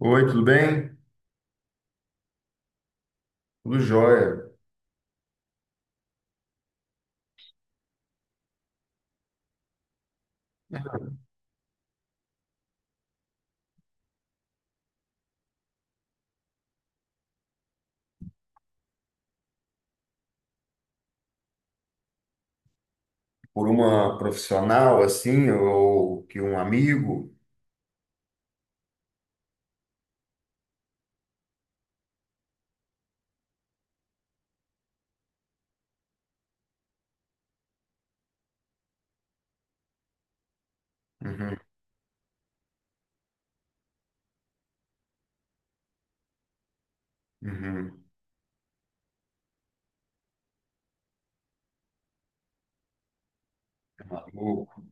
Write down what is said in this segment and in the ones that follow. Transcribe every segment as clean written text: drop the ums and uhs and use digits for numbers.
Oi, tudo bem? Tudo jóia. Por uma profissional assim, ou que um amigo? Uhum, uhum. Tá maluco?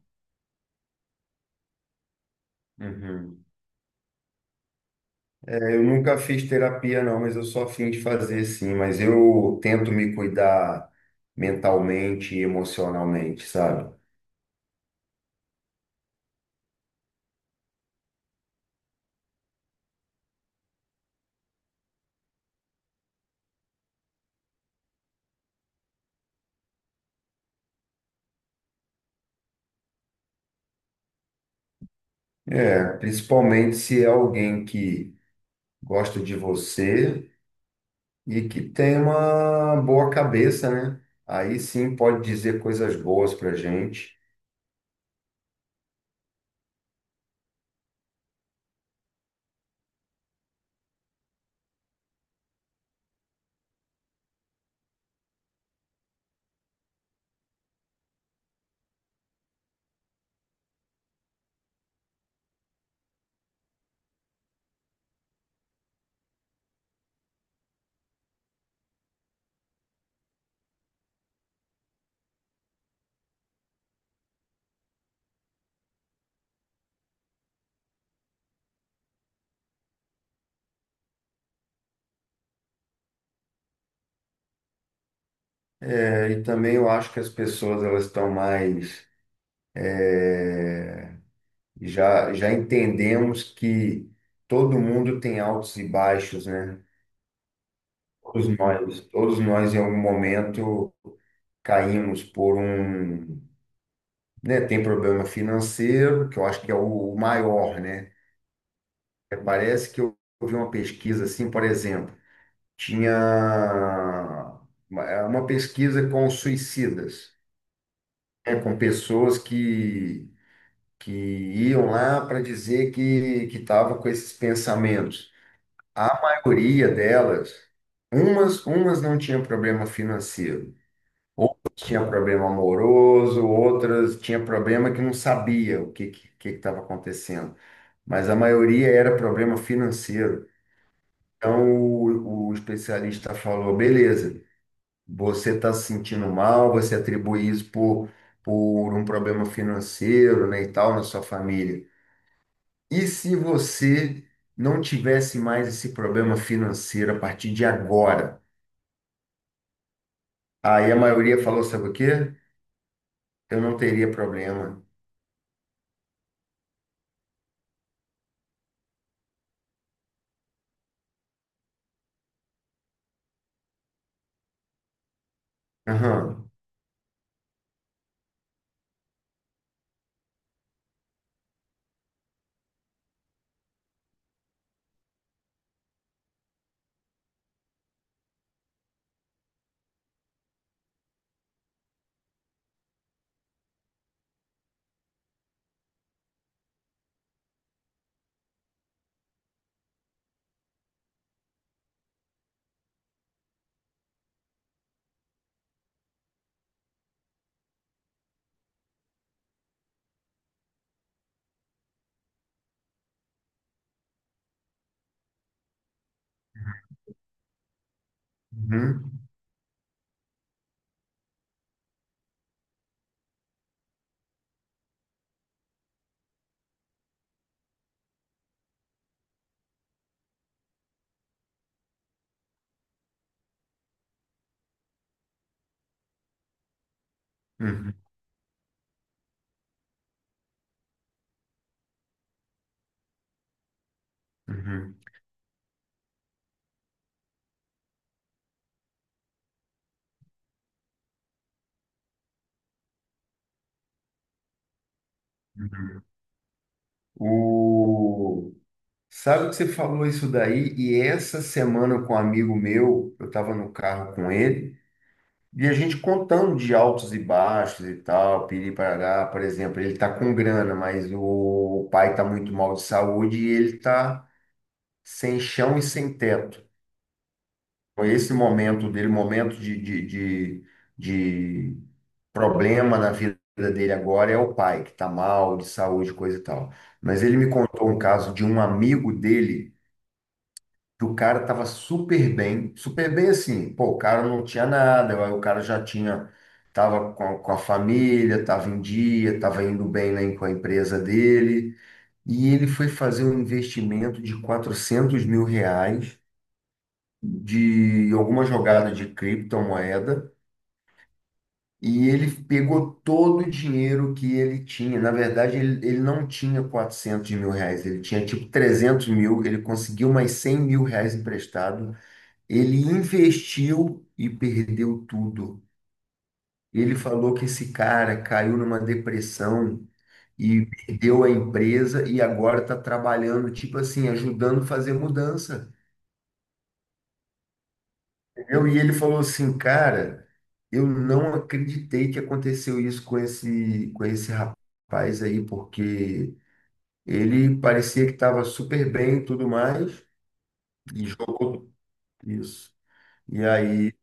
Uhum. É, eu nunca fiz terapia, não, mas eu sou afim de fazer sim. Mas eu tento me cuidar mentalmente e emocionalmente, sabe? É, principalmente se é alguém que gosta de você e que tem uma boa cabeça, né? Aí sim pode dizer coisas boas pra gente. É, e também eu acho que as pessoas elas estão mais é, já já entendemos que todo mundo tem altos e baixos, né? Todos nós em algum momento caímos por um, né? Tem problema financeiro, que eu acho que é o maior, né? É, parece que eu vi uma pesquisa assim, por exemplo, tinha uma pesquisa com suicidas, né? Com pessoas que iam lá para dizer que estava com esses pensamentos. A maioria delas, umas não tinha problema financeiro, outras tinha problema amoroso, outras tinha problema que não sabia o que que estava acontecendo, mas a maioria era problema financeiro. Então o especialista falou, beleza, você está se sentindo mal, você atribui isso por um problema financeiro, né, e tal na sua família. E se você não tivesse mais esse problema financeiro a partir de agora? Aí a maioria falou, sabe o quê? Eu não teria problema. Aham. Uhum. Uhum. Uhum. Uhum. O... Sabe que você falou isso daí? E essa semana com um amigo meu, eu estava no carro com ele, e a gente contando de altos e baixos e tal, piri-parará, por exemplo, ele está com grana, mas o pai está muito mal de saúde e ele está sem chão e sem teto. Foi esse momento dele, momento de problema na vida dele agora é o pai, que está mal, de saúde, coisa e tal. Mas ele me contou um caso de um amigo dele, que o cara estava super bem assim, pô, o cara não tinha nada, aí o cara já tinha, estava com, com a família, estava em dia, estava indo bem né, com a empresa dele, e ele foi fazer um investimento de 400 mil reais de alguma jogada de criptomoeda e ele pegou todo o dinheiro que ele tinha. Na verdade, ele não tinha 400 mil reais, ele tinha tipo 300 mil. Ele conseguiu mais 100 mil reais emprestado. Ele investiu e perdeu tudo. Ele falou que esse cara caiu numa depressão. E perdeu a empresa e agora está trabalhando, tipo assim, ajudando a fazer mudança. E ele falou assim, cara, eu não acreditei que aconteceu isso com esse rapaz aí, porque ele parecia que estava super bem e tudo mais, e jogou isso. E aí.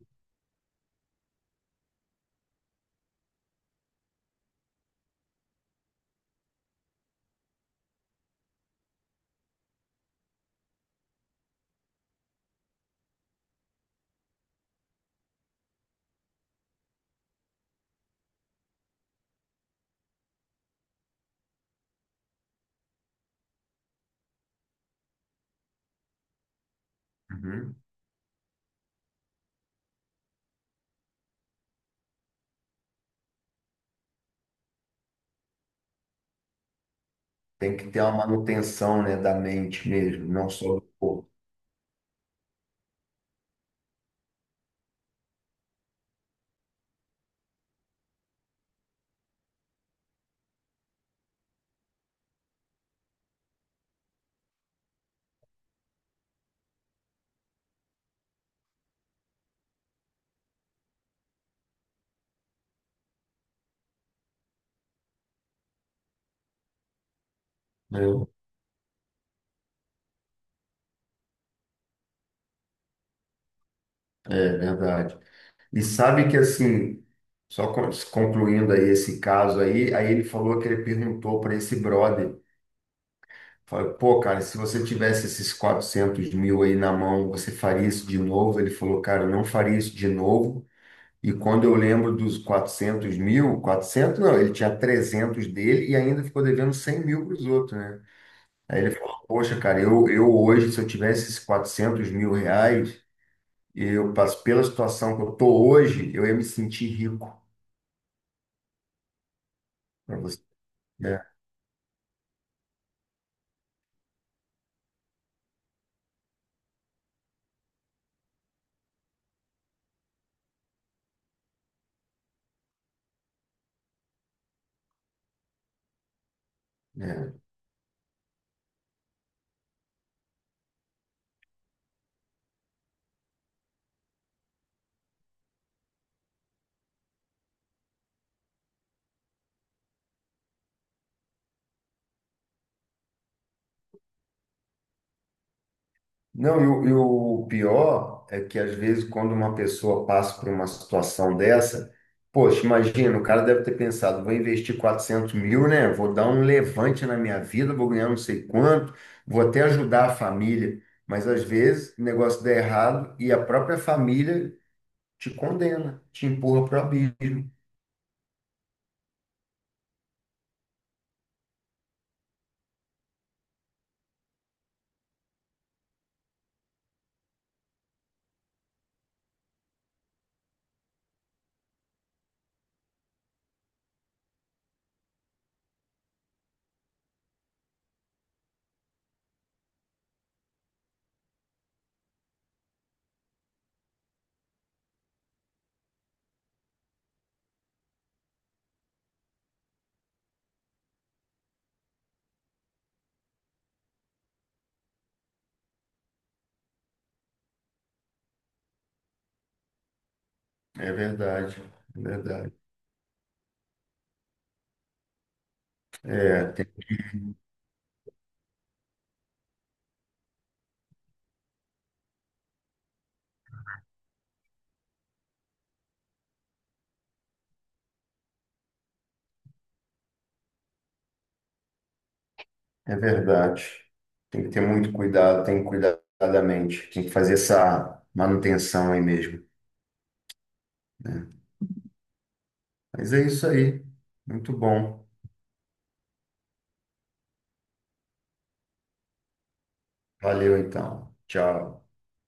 Uhum. Tem que ter uma manutenção, né, da mente mesmo, não só do corpo. Né? É verdade. E sabe que assim, só concluindo aí esse caso aí, aí ele falou que ele perguntou para esse brother. Falei, pô, cara, se você tivesse esses 400 mil aí na mão, você faria isso de novo? Ele falou, cara, eu não faria isso de novo. E quando eu lembro dos 400 mil, 400 não, ele tinha 300 dele e ainda ficou devendo 100 mil para os outros, né? Aí ele falou, poxa, cara, eu hoje, se eu tivesse esses 400 mil reais, eu passo pela situação que eu tô hoje, eu ia me sentir rico. Pra você, né? É. Não, e o pior é que às vezes quando uma pessoa passa por uma situação dessa, poxa, imagina, o cara deve ter pensado, vou investir 400 mil, né? Vou dar um levante na minha vida, vou ganhar não sei quanto, vou até ajudar a família. Mas às vezes o negócio dá errado e a própria família te condena, te empurra para o abismo. É verdade, é verdade. É, É verdade. Tem que ter muito cuidado, tem que cuidar da mente, tem que fazer essa manutenção aí mesmo, né? Mas é isso aí. Muito bom. Valeu então. Tchau.